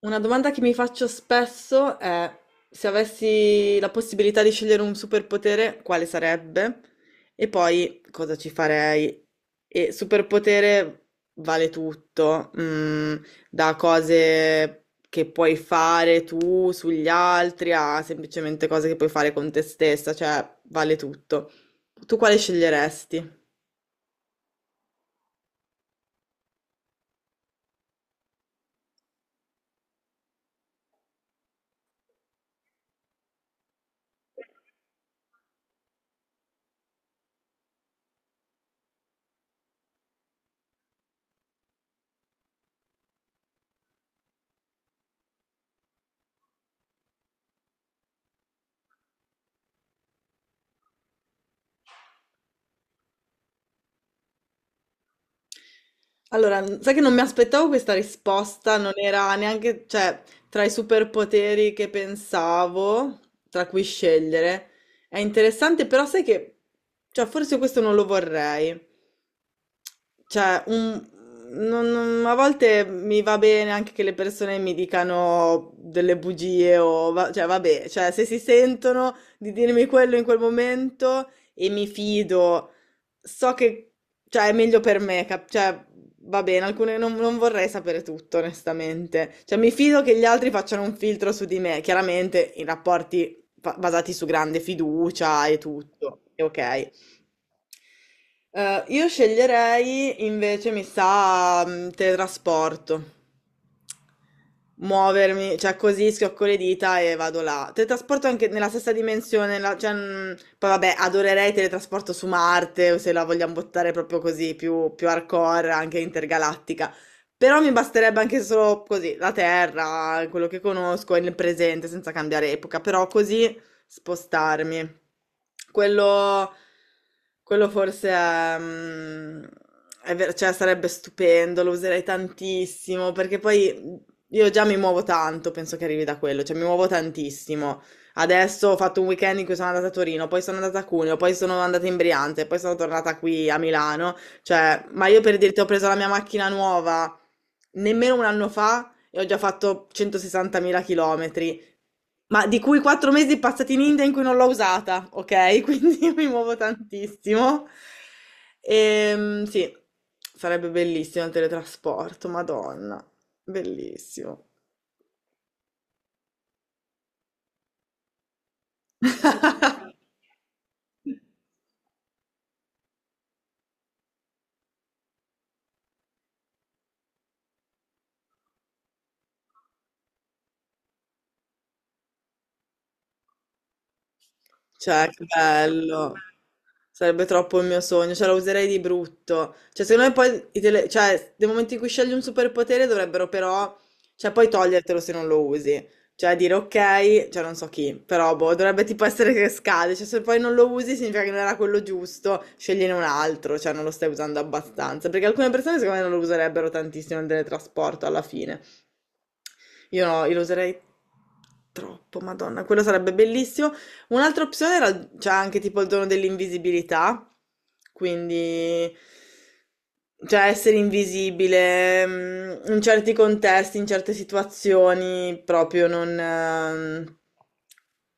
Una domanda che mi faccio spesso è se avessi la possibilità di scegliere un superpotere, quale sarebbe? E poi cosa ci farei? E superpotere vale tutto, da cose che puoi fare tu sugli altri a semplicemente cose che puoi fare con te stessa, cioè vale tutto. Tu quale sceglieresti? Allora, sai che non mi aspettavo questa risposta, non era neanche, cioè, tra i superpoteri che pensavo, tra cui scegliere. È interessante, però sai che, cioè, forse questo non lo vorrei. Cioè, a volte mi va bene anche che le persone mi dicano delle bugie o cioè, vabbè, cioè, se si sentono di dirmi quello in quel momento e mi fido, so che, cioè, è meglio per me, cioè, va bene, alcune non, non vorrei sapere tutto, onestamente. Cioè, mi fido che gli altri facciano un filtro su di me, chiaramente in rapporti basati su grande fiducia e tutto, è ok. Io sceglierei invece, mi sa, teletrasporto, muovermi, cioè così schiocco le dita e vado là. Teletrasporto anche nella stessa dimensione, cioè, poi vabbè, adorerei teletrasporto su Marte, o se la vogliamo buttare proprio così, più, più hardcore, anche intergalattica. Però mi basterebbe anche solo così, la Terra, quello che conosco, il presente, senza cambiare epoca, però così spostarmi. Quello, quello forse è, è cioè sarebbe stupendo, lo userei tantissimo, perché poi io già mi muovo tanto, penso che arrivi da quello, cioè mi muovo tantissimo. Adesso ho fatto un weekend in cui sono andata a Torino, poi sono andata a Cuneo, poi sono andata in Brianza, poi sono tornata qui a Milano. Cioè, ma io per dirti, ho preso la mia macchina nuova nemmeno un anno fa e ho già fatto 160.000 chilometri, ma di cui 4 mesi passati in India in cui non l'ho usata, ok? Quindi io mi muovo tantissimo. Sì, sarebbe bellissimo il teletrasporto, Madonna, bellissimo. Cioè, che bello. Sarebbe troppo il mio sogno, cioè la userei di brutto. Cioè, secondo me poi, i cioè, nel momento in cui scegli un superpotere dovrebbero però, cioè poi togliertelo se non lo usi. Cioè dire ok, cioè non so chi, però boh, dovrebbe tipo essere che scade, cioè se poi non lo usi significa che non era quello giusto, scegliene un altro, cioè non lo stai usando abbastanza, perché alcune persone secondo me non lo userebbero tantissimo nel teletrasporto alla fine. Io no, io lo userei troppo, Madonna, quello sarebbe bellissimo. Un'altra opzione era c'è anche tipo il dono dell'invisibilità, quindi cioè essere invisibile, in certi contesti, in certe situazioni, proprio non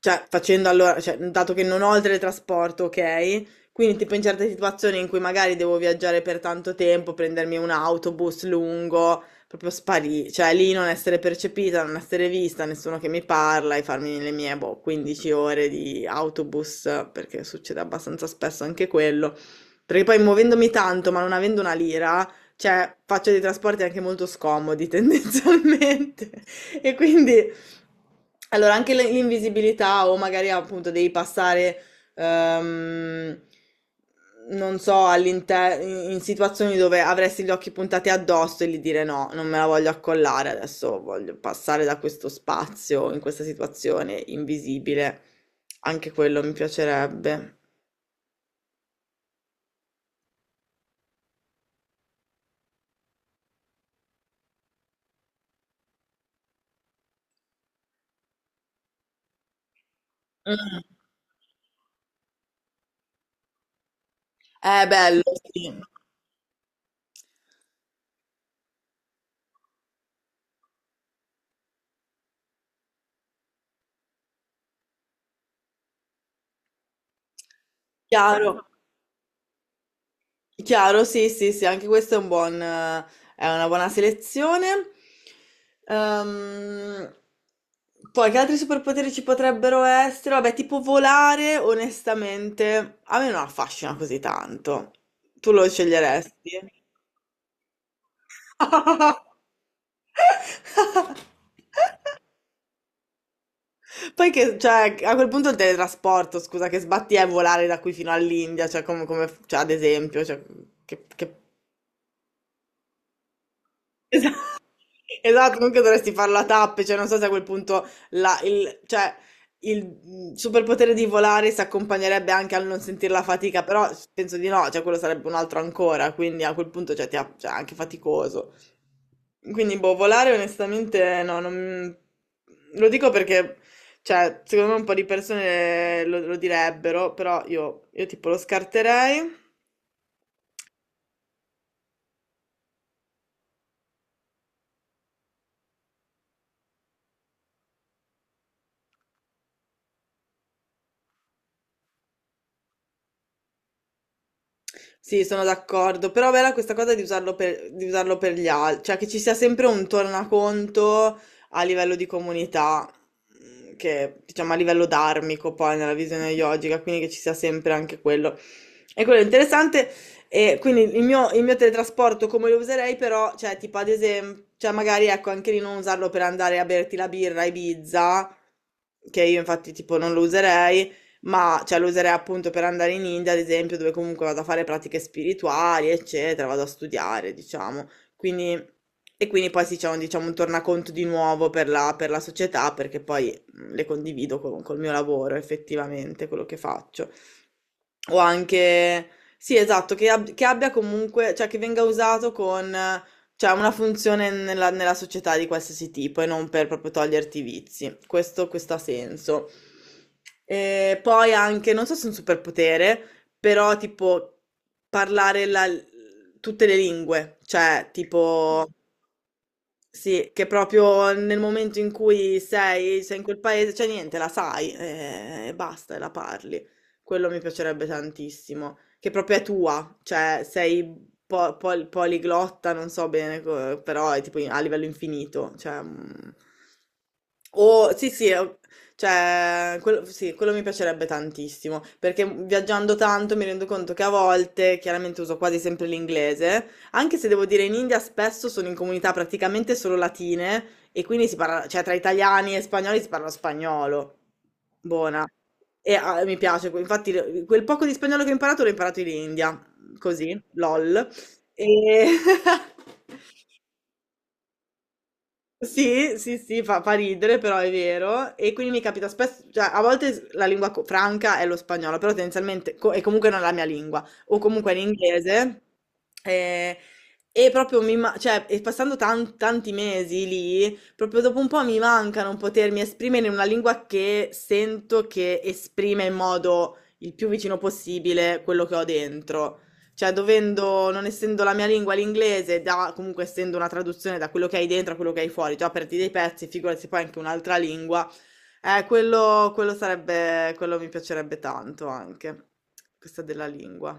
cioè facendo allora, cioè, dato che non ho il teletrasporto, ok? Quindi tipo in certe situazioni in cui magari devo viaggiare per tanto tempo, prendermi un autobus lungo, proprio sparì, cioè lì non essere percepita, non essere vista, nessuno che mi parla e farmi le mie boh, 15 ore di autobus, perché succede abbastanza spesso anche quello, perché poi muovendomi tanto ma non avendo una lira, cioè faccio dei trasporti anche molto scomodi tendenzialmente e quindi... Allora, anche l'invisibilità o magari appunto devi passare, ehm, non so, all'interno, in situazioni dove avresti gli occhi puntati addosso e gli dire no, non me la voglio accollare adesso, voglio passare da questo spazio in questa situazione invisibile. Anche quello mi piacerebbe. Mm. È bello, sì. Chiaro. Chiaro, sì, sì, sì, anche questo è un buon, è una buona selezione. Ehm, poi che altri superpoteri ci potrebbero essere? Vabbè, tipo volare, onestamente, a me non affascina così tanto. Tu lo sceglieresti? Poi che, cioè, a quel punto il teletrasporto, scusa, che sbatti è volare da qui fino all'India, cioè, come, cioè, ad esempio, cioè, che... Esatto, non che dovresti farla tappe, cioè non so se a quel punto il, cioè, il superpotere di volare si accompagnerebbe anche al non sentire la fatica, però penso di no, cioè quello sarebbe un altro ancora, quindi a quel punto cioè, ti cioè, è anche faticoso. Quindi boh, volare onestamente no, lo dico perché cioè, secondo me un po' di persone lo, lo direbbero, però io tipo lo scarterei. Sì, sono d'accordo, però bella questa cosa di usarlo per gli altri, cioè che ci sia sempre un tornaconto a livello di comunità, che diciamo a livello dharmico poi nella visione yogica, quindi che ci sia sempre anche quello. E quello è interessante, e quindi il mio teletrasporto come lo userei però, cioè tipo ad esempio, cioè magari ecco anche lì non usarlo per andare a berti la birra a Ibiza, che io infatti tipo non lo userei, ma cioè, lo userei appunto per andare in India ad esempio, dove comunque vado a fare pratiche spirituali, eccetera, vado a studiare, diciamo. Quindi, e quindi poi sì, c'è un, diciamo, un tornaconto di nuovo per la società, perché poi le condivido con, col mio lavoro effettivamente, quello che faccio. O anche, sì, esatto, che, che abbia comunque, cioè che venga usato con, cioè una funzione nella, nella società di qualsiasi tipo e non per proprio toglierti i vizi. Questo ha senso. E poi anche, non so se è un superpotere, però tipo parlare tutte le lingue, cioè tipo sì, che proprio nel momento in cui sei, sei in quel paese, c'è niente, la sai e basta, e la parli. Quello mi piacerebbe tantissimo, che proprio è tua, cioè sei poliglotta, non so bene, però è tipo a livello infinito, cioè... mm. O sì, sì, cioè, quello, sì, quello mi piacerebbe tantissimo, perché viaggiando tanto mi rendo conto che a volte, chiaramente uso quasi sempre l'inglese, anche se devo dire in India spesso sono in comunità praticamente solo latine e quindi si parla, cioè tra italiani e spagnoli si parla spagnolo. Buona. E ah, mi piace, infatti quel poco di spagnolo che ho imparato l'ho imparato in India, così, lol. E... Sì, sì, sì, fa ridere, però è vero. E quindi mi capita spesso, cioè a volte la lingua franca è lo spagnolo, però tendenzialmente, e comunque non è la mia lingua, o comunque l'inglese. Eh, e, proprio mi, cioè, e passando tanti mesi lì, proprio dopo un po' mi manca non potermi esprimere in una lingua che sento che esprime in modo il più vicino possibile quello che ho dentro. Cioè, dovendo, non essendo la mia lingua l'inglese, da, comunque essendo una traduzione da quello che hai dentro a quello che hai fuori, già perdi dei pezzi, figurati se poi anche un'altra lingua. Quello, quello sarebbe, quello mi piacerebbe tanto anche, questa della lingua.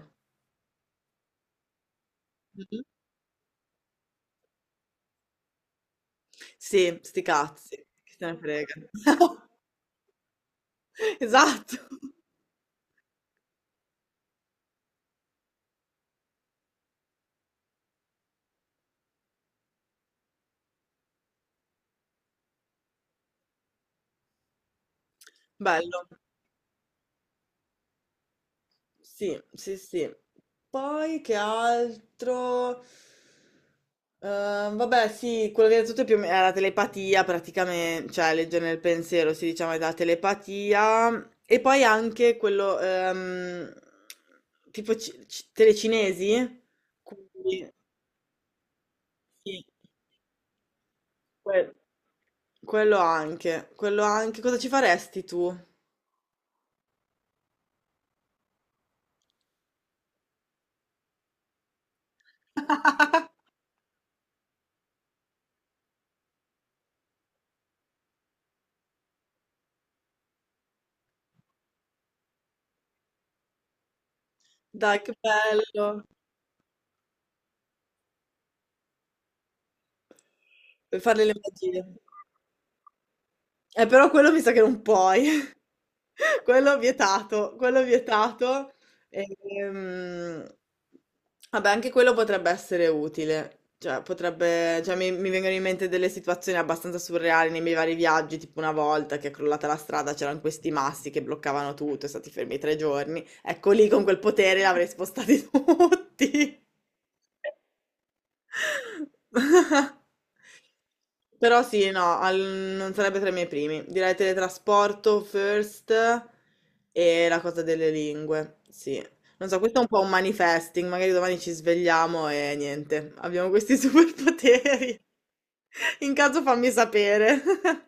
Mhm. Sì, sti cazzi, chi se ne frega. Esatto, bello. Sì, sì, sì. Poi che altro? Vabbè, sì, quello che hai detto tu è più o è la telepatia, praticamente, cioè leggere nel pensiero, si diciamo, è la telepatia. E poi anche quello, tipo telecinesi, quindi, sì, que- quello anche, quello anche. Cosa ci faresti tu? Dai, che bello, per fare le magie. Però quello mi sa che non puoi. Quello vietato, quello vietato. Ehm, vabbè, anche quello potrebbe essere utile. Cioè, potrebbe, cioè, mi vengono in mente delle situazioni abbastanza surreali nei miei vari viaggi, tipo una volta che è crollata la strada, c'erano questi massi che bloccavano tutto, e stati fermi 3 giorni. Ecco lì con quel potere l'avrei spostati tutti. Però sì, no, non sarebbe tra i miei primi. Direi teletrasporto first e la cosa delle lingue, sì. Non so, questo è un po' un manifesting, magari domani ci svegliamo e niente, abbiamo questi superpoteri. In caso fammi sapere.